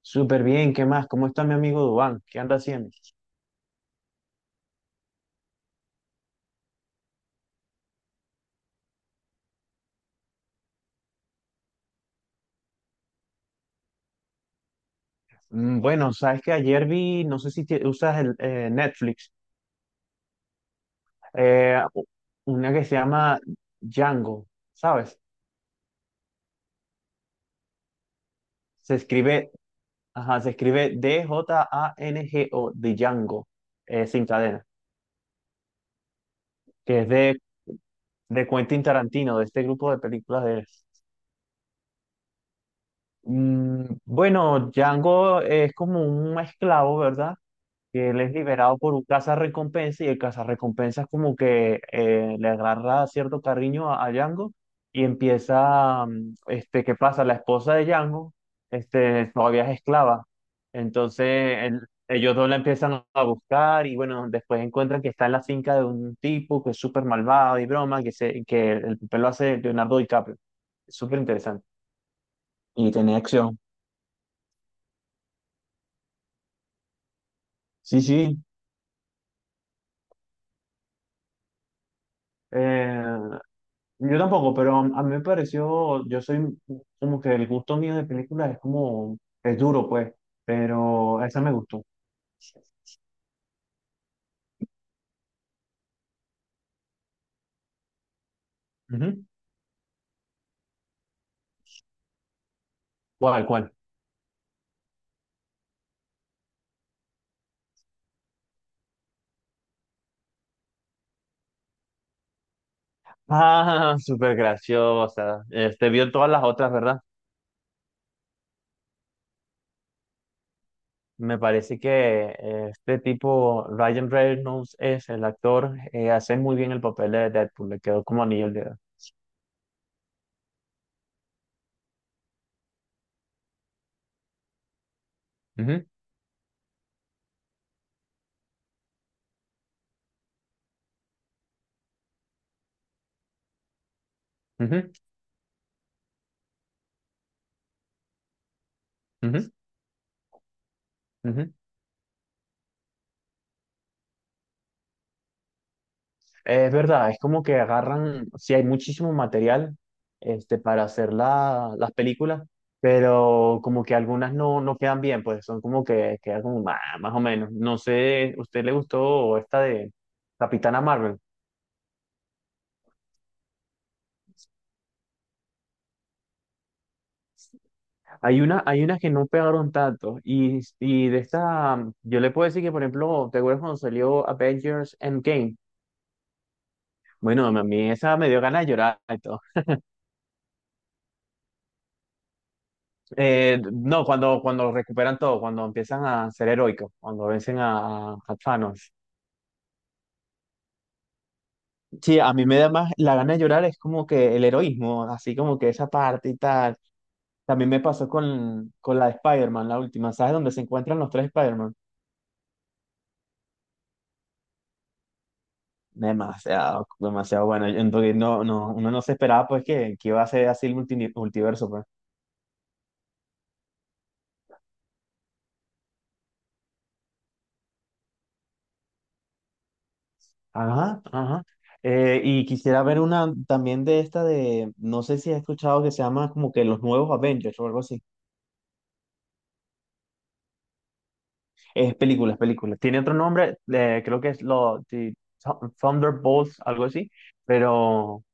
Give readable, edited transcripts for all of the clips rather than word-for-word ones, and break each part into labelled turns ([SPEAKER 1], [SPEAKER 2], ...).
[SPEAKER 1] Súper bien, ¿qué más? ¿Cómo está mi amigo Dubán? ¿Qué anda haciendo? Bueno, sabes que ayer vi, no sé si te- usas el Netflix, eh, u- una que se llama Django, ¿sabes? Se escribe, ajá, se escribe Django, de Django, sin cadena, que es de Quentin Tarantino, de este grupo de películas de él. Bueno, Django es como un esclavo, ¿verdad? Que él es liberado por un cazarrecompensa y el cazarrecompensa es como que le agarra cierto cariño a Django y empieza, este, ¿qué pasa? La esposa de Django, este, todavía es esclava, entonces él- ellos dos la empiezan a buscar y bueno, después encuentran que está en la finca de un tipo que es súper malvado y broma, que el papel lo hace Leonardo DiCaprio, es súper interesante. Y tenía acción. Sí, sí. Eh, Yo tampoco, pero a mí me pareció, yo soy como que el gusto mío de películas es como, es duro pues, pero esa me gustó. Ujú. ¿Cuál, cuál? Ah, súper graciosa. Este vio todas las otras, ¿verdad? Me parece que este tipo, Ryan Reynolds, es el actor, hace muy bien el papel de Deadpool, le quedó como anillo al dedo. Ujú, ujú, ujú, ujú. Es verdad, es como que agarran, sí hay muchísimo material este, para hacer las películas, pero como que algunas no, no quedan bien, pues son como que quedan como "Ah, más o menos. No sé, ¿usted le gustó esta de Capitana Marvel?" Hay una, hay unas que no pegaron tanto y de esta, yo le puedo decir que, por ejemplo, ¿te acuerdas cuando salió Avengers Endgame? Bueno, a mí esa me dio ganas de llorar y todo. No, cuando, cuando recuperan todo, cuando empiezan a ser heroicos, cuando vencen a Thanos. Sí, a mí me da más la gana de llorar, es como que el heroísmo, así como que esa parte y tal. También me pasó con la de Spider-Man, la última, ¿sabes? Donde se encuentran los tres Spider-Man. Demasiado, demasiado bueno. Entonces, no, no, uno no se esperaba pues que iba a ser así el multiverso, pues. Ajá, ajá. Y quisiera ver una también de esta de, no sé si has escuchado que se llama como que los nuevos Avengers o algo así. Es película, es película. Tiene otro nombre, creo que es lo, The Thunderbolts, algo así, pero,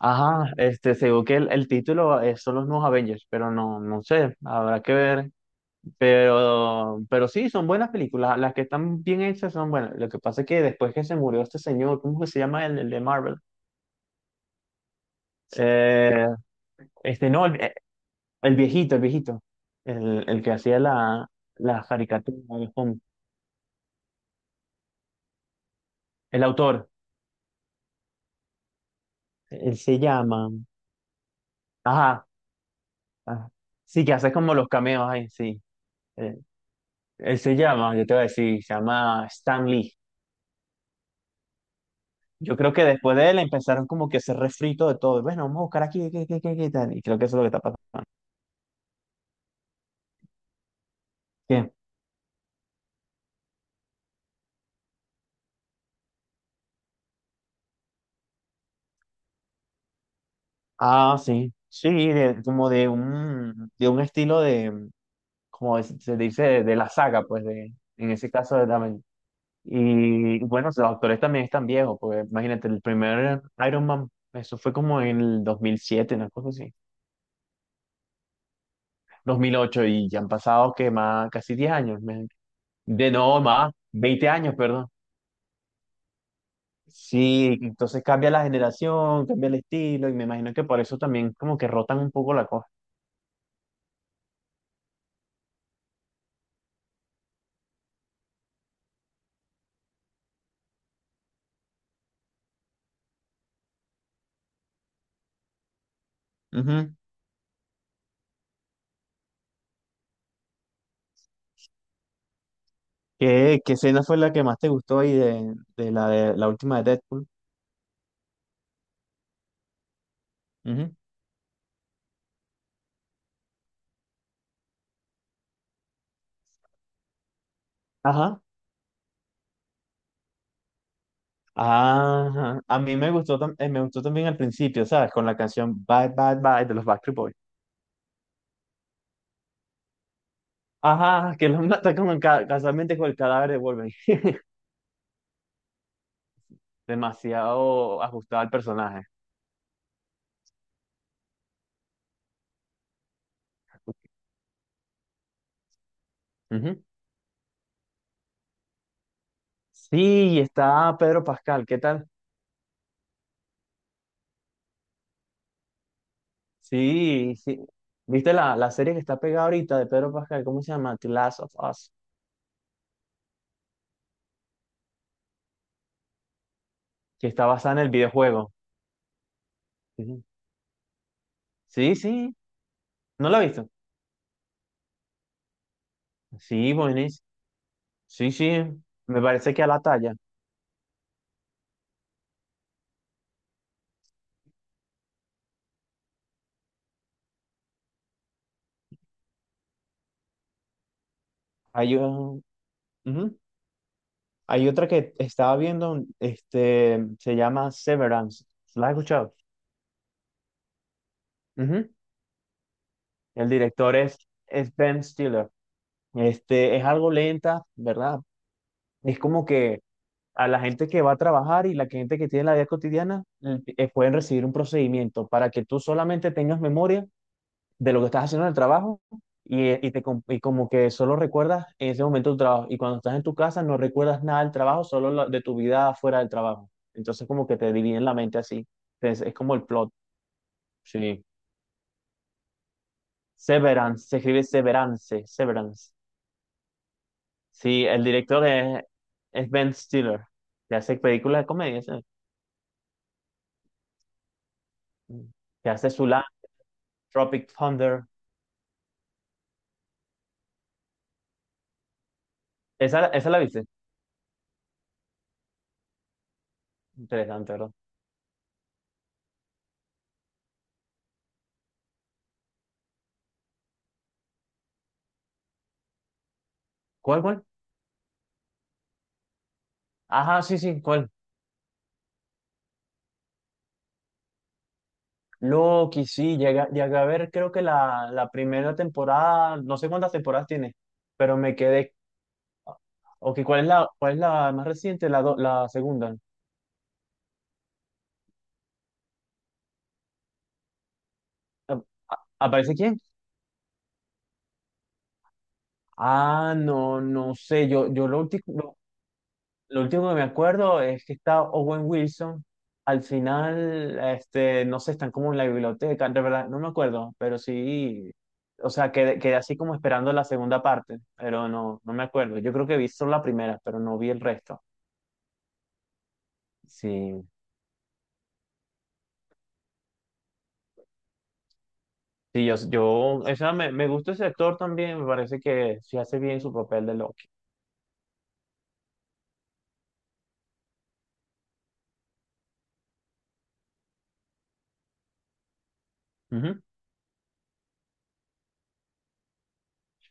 [SPEAKER 1] ajá, este, según que el título es, son los nuevos Avengers, pero no, no sé, habrá que ver, pero sí, son buenas películas, las que están bien hechas son buenas. Lo que pasa es que después que se murió este señor, ¿cómo que se llama el de Marvel? Eh, este, no, el viejito, el viejito, el que hacía la, la caricatura, el, el autor, él se llama, ajá. Ah, sí, que haces como los cameos ahí, sí. Eh, él se llama, yo te voy a decir, se llama Stan Lee. Yo creo que después de él empezaron como que ese refrito de todo. Bueno, vamos a buscar aquí, qué, qué, qué, qué tal. Y creo que eso es lo que está pasando. ¿Qué? Ah, sí. Sí, de- como de un estilo de, como es- se dice, de la saga, pues, de, en ese caso de Damen. Y bueno, los actores también están viejos, porque imagínate, el primer Iron Man, eso fue como en el 2007 una cosa así. 2008 y ya han pasado que más, casi 10 años, me- de no más, 20 años, perdón. Sí, entonces cambia la generación, cambia el estilo y me imagino que por eso también como que rotan un poco la cosa. Ujú. ¿Qué, qué escena fue la que más te gustó ahí de la última de Deadpool? Ujú. Ajá. Ajá. A mí me gustó, me gustó también al principio, ¿sabes? Con la canción Bye Bye Bye de los Backstreet Boys. Ajá, que los mata como casualmente con el cadáver de Wolverine. Demasiado ajustado al personaje. Ujú. Sí, está Pedro Pascal, ¿qué tal? Sí, sí. ¿Viste la serie que está pegada ahorita de Pedro Pascal? ¿Cómo se llama? The Last of Us, que está basada en el videojuego. Ujú. Sí, sí, ¿no la he visto? Sí, buenísimo. Sí, sí, me parece que a la talla. Hay, un- ujú. Hay otra que estaba viendo, este, se llama Severance. ¿La has escuchado? Ujú. El director es Ben Stiller. Este, es algo lenta, ¿verdad? Es como que a la gente que va a trabajar y la gente que tiene la vida cotidiana pueden recibir un procedimiento para que tú solamente tengas memoria de lo que estás haciendo en el trabajo y te, y como que solo recuerdas en ese momento tu trabajo. Y cuando estás en tu casa no recuerdas nada del trabajo, solo de tu vida fuera del trabajo. Entonces como que te dividen la mente así. Entonces, es como el plot. Sí. Severance, se escribe Severance, Severance. Sí, el director es Ben Stiller, que hace películas de comedia, ¿sí? Mm. Que hace su Tropic Thunder. Esa la viste. Interesante, ¿verdad? ¿Cuál, cuál? Ajá, sí, sí, ¿cuál? Loki, sí, llega, llegué a ver, creo que la primera temporada, no sé cuántas temporadas tiene, pero me quedé. Ok, cuál es la más reciente? La, la segunda. ¿A- ¿Aparece quién? Ah, no, no sé. Yo lo último. Lo último que me acuerdo es que está Owen Wilson. Al final, este, no sé, están como en la biblioteca, de verdad, no me acuerdo, pero sí, o sea, quedé, quedé así como esperando la segunda parte, pero no, no me acuerdo. Yo creo que vi solo la primera, pero no vi el resto. Sí, sí, yo, o sea, me gusta ese actor también, me parece que sí hace bien su papel de Loki. Ujú.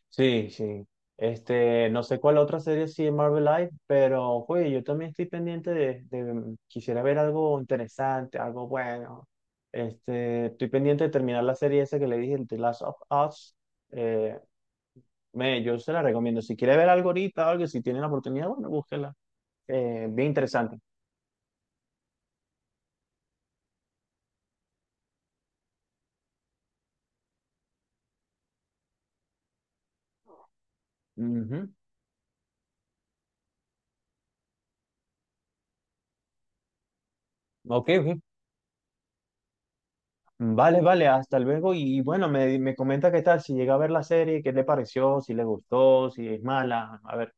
[SPEAKER 1] Sí, sí. Este, no sé cuál otra serie sí de Marvel Live, pero güey, yo también estoy pendiente de- quisiera ver algo interesante, algo bueno. Este, estoy pendiente de terminar la serie esa que le dije, el The Last of Us. Eh, me, yo se la recomiendo. Si quiere ver algo ahorita, algo, si tienen la oportunidad, bueno, búsquela. Bien interesante. Ujú. Ok, ok. Vale, vale, hasta luego. Y bueno, me comenta qué tal, si llega a ver la serie, qué le pareció, si le gustó, si es mala. A ver.